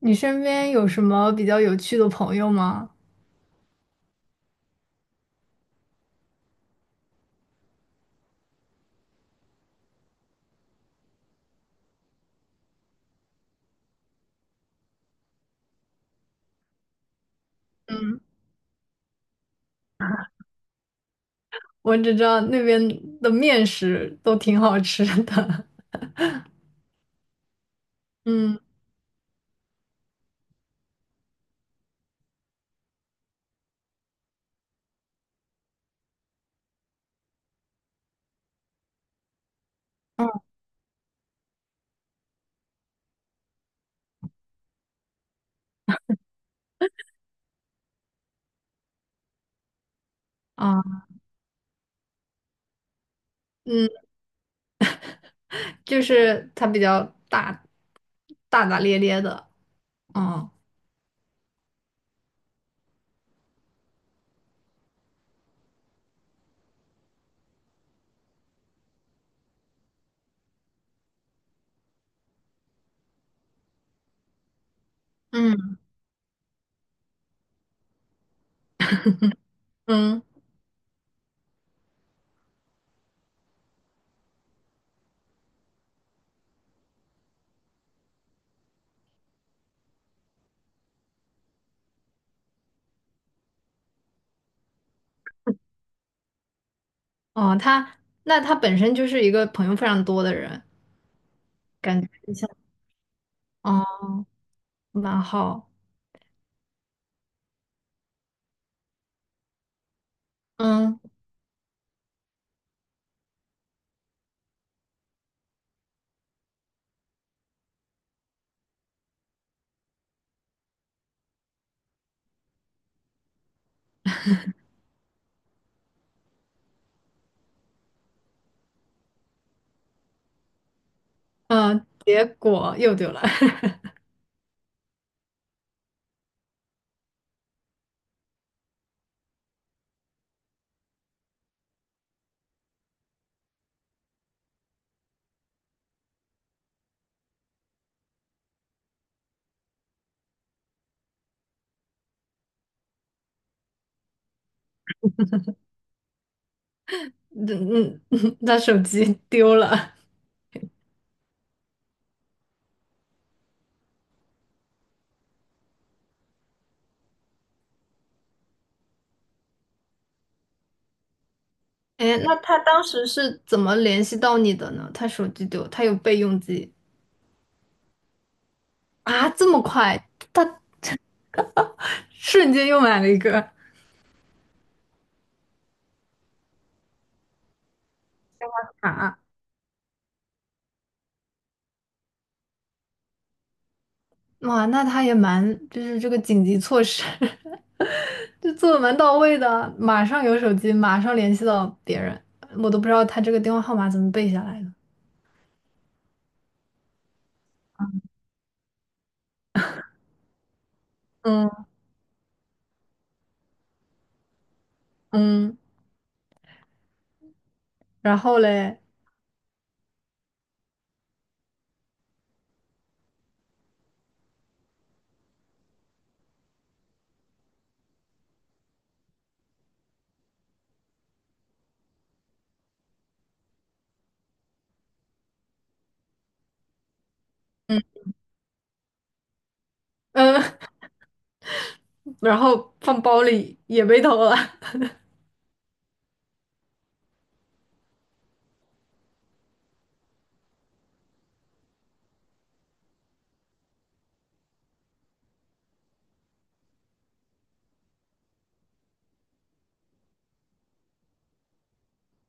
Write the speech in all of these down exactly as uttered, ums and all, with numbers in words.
你身边有什么比较有趣的朋友吗？嗯，我只知道那边的面食都挺好吃的。嗯啊，嗯，就是他比较大大大咧咧的。哦，嗯嗯，哦，他那他本身就是一个朋友非常多的人，感觉就像哦，蛮好。嗯嗯，呃结果又丢了。嗯嗯，他手机丢了。哎，那他当时是怎么联系到你的呢？他手机丢，他有备用机啊，这么快，他瞬间又买了一个啊。哇，那他也蛮，就是这个紧急措施，就做的蛮到位的，马上有手机，马上联系到别人，我都不知道他这个电话号码怎么背下来的。嗯嗯，然后嘞，嗯嗯，然后放包里也被偷了。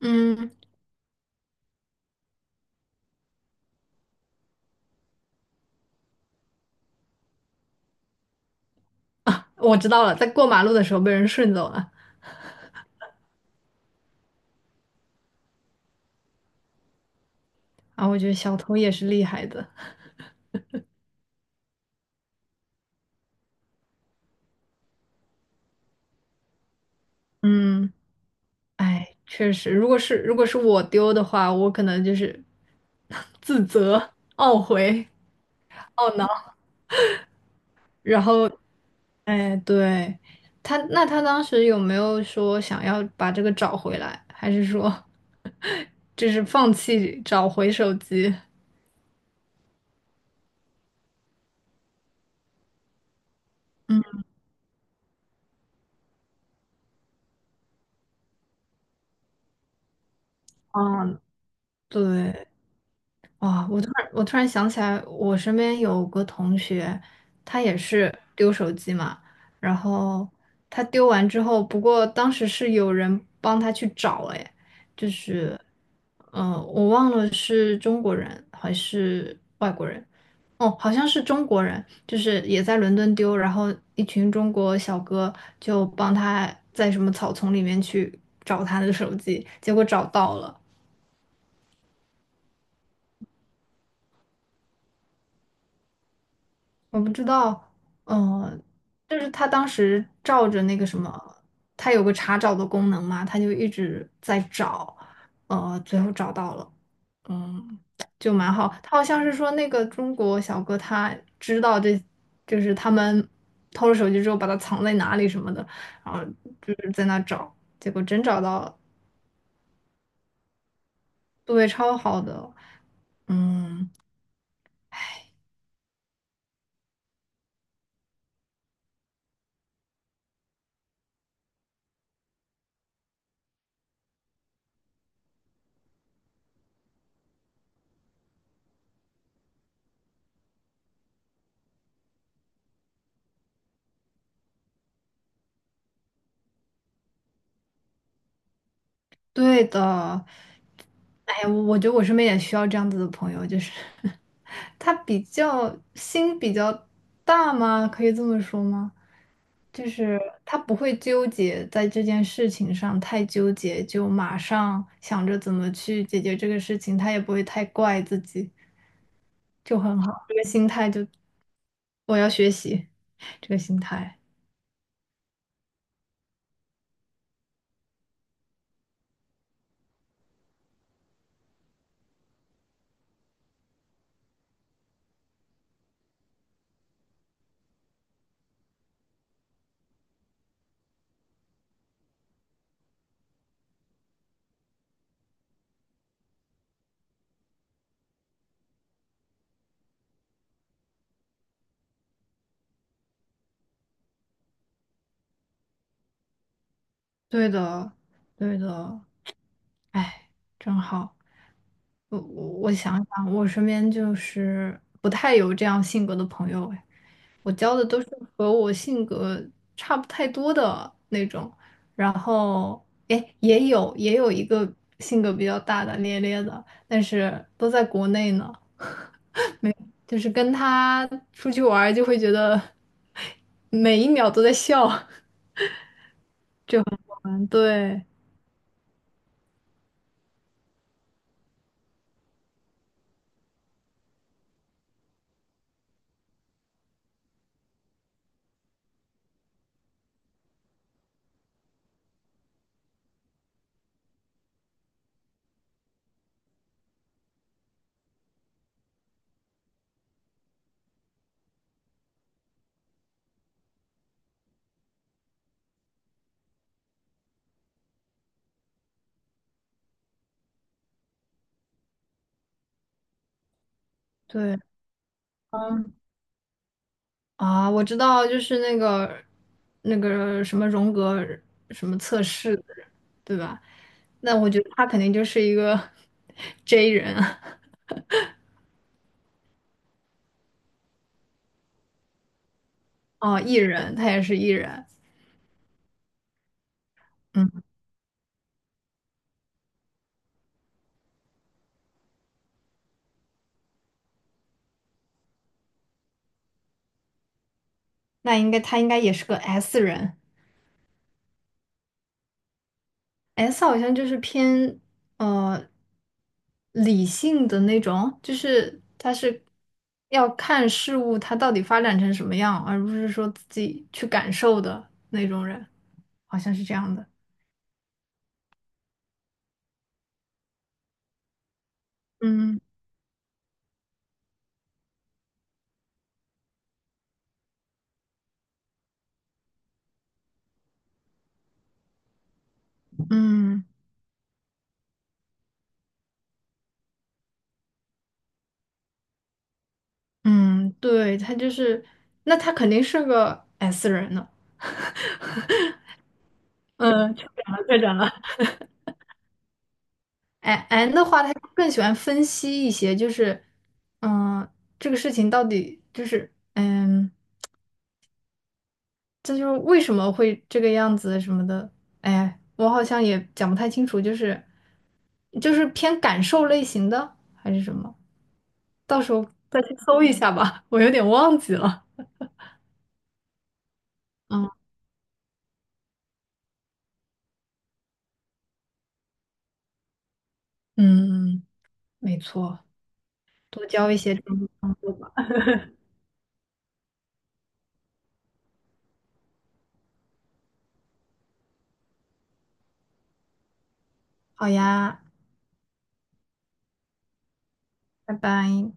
嗯，我知道了，在过马路的时候被人顺走了。啊，我觉得小偷也是厉害的。嗯，哎，确实，如果是如果是我丢的话，我可能就是 自责、懊悔、懊恼，然后，哎，对，他，那他当时有没有说想要把这个找回来，还是说 就是放弃找回手机？嗯，对，哇，我突然我突然想起来，我身边有个同学，他也是丢手机嘛，然后他丢完之后，不过当时是有人帮他去找，哎，就是，嗯、呃我忘了是中国人还是外国人，哦，好像是中国人，就是也在伦敦丢，然后一群中国小哥就帮他在什么草丛里面去找他的手机，结果找到了。我不知道，嗯、就是他当时照着那个什么，他有个查找的功能嘛，他就一直在找，呃，最后找到了，嗯，就蛮好。他好像是说那个中国小哥他知道这，就是他们偷了手机之后把它藏在哪里什么的，然后就是在那找，结果真找到了，对，超好的，嗯。对的，哎呀，我我觉得我身边也需要这样子的朋友，就是 他比较心比较大吗？可以这么说吗？就是他不会纠结在这件事情上太纠结，就马上想着怎么去解决这个事情，他也不会太怪自己，就很好。这个心态就我要学习 这个心态，对的，对的，哎，真好。我我我想想，我身边就是不太有这样性格的朋友哎，我交的都是和我性格差不太多的那种，然后哎也有也有一个性格比较大大咧咧的，但是都在国内呢，就是跟他出去玩儿就会觉得 每一秒都在笑，对对。啊，我知道，就是那个那个什么荣格什么测试，的人，对吧？那我觉得他肯定就是一个 J 人啊，哦，E 人，他也是 E 人，嗯，那应该他应该也是个 S 人，S 好像就是偏呃理性的那种，就是他是要看事物它到底发展成什么样，而不是说自己去感受的那种人，好像是这样的，嗯。嗯嗯，对，他就是，那他肯定是个 S 人呢。嗯，确诊了，确诊了。哎 N 的话，他更喜欢分析一些，就是，嗯，这个事情到底就是，嗯，这就是为什么会这个样子什么的。哎，我好像也讲不太清楚，就是就是偏感受类型的还是什么？到时候再去搜一下吧，我有点忘记了。嗯嗯，嗯没错，多交一些这种。吧。好呀，拜拜。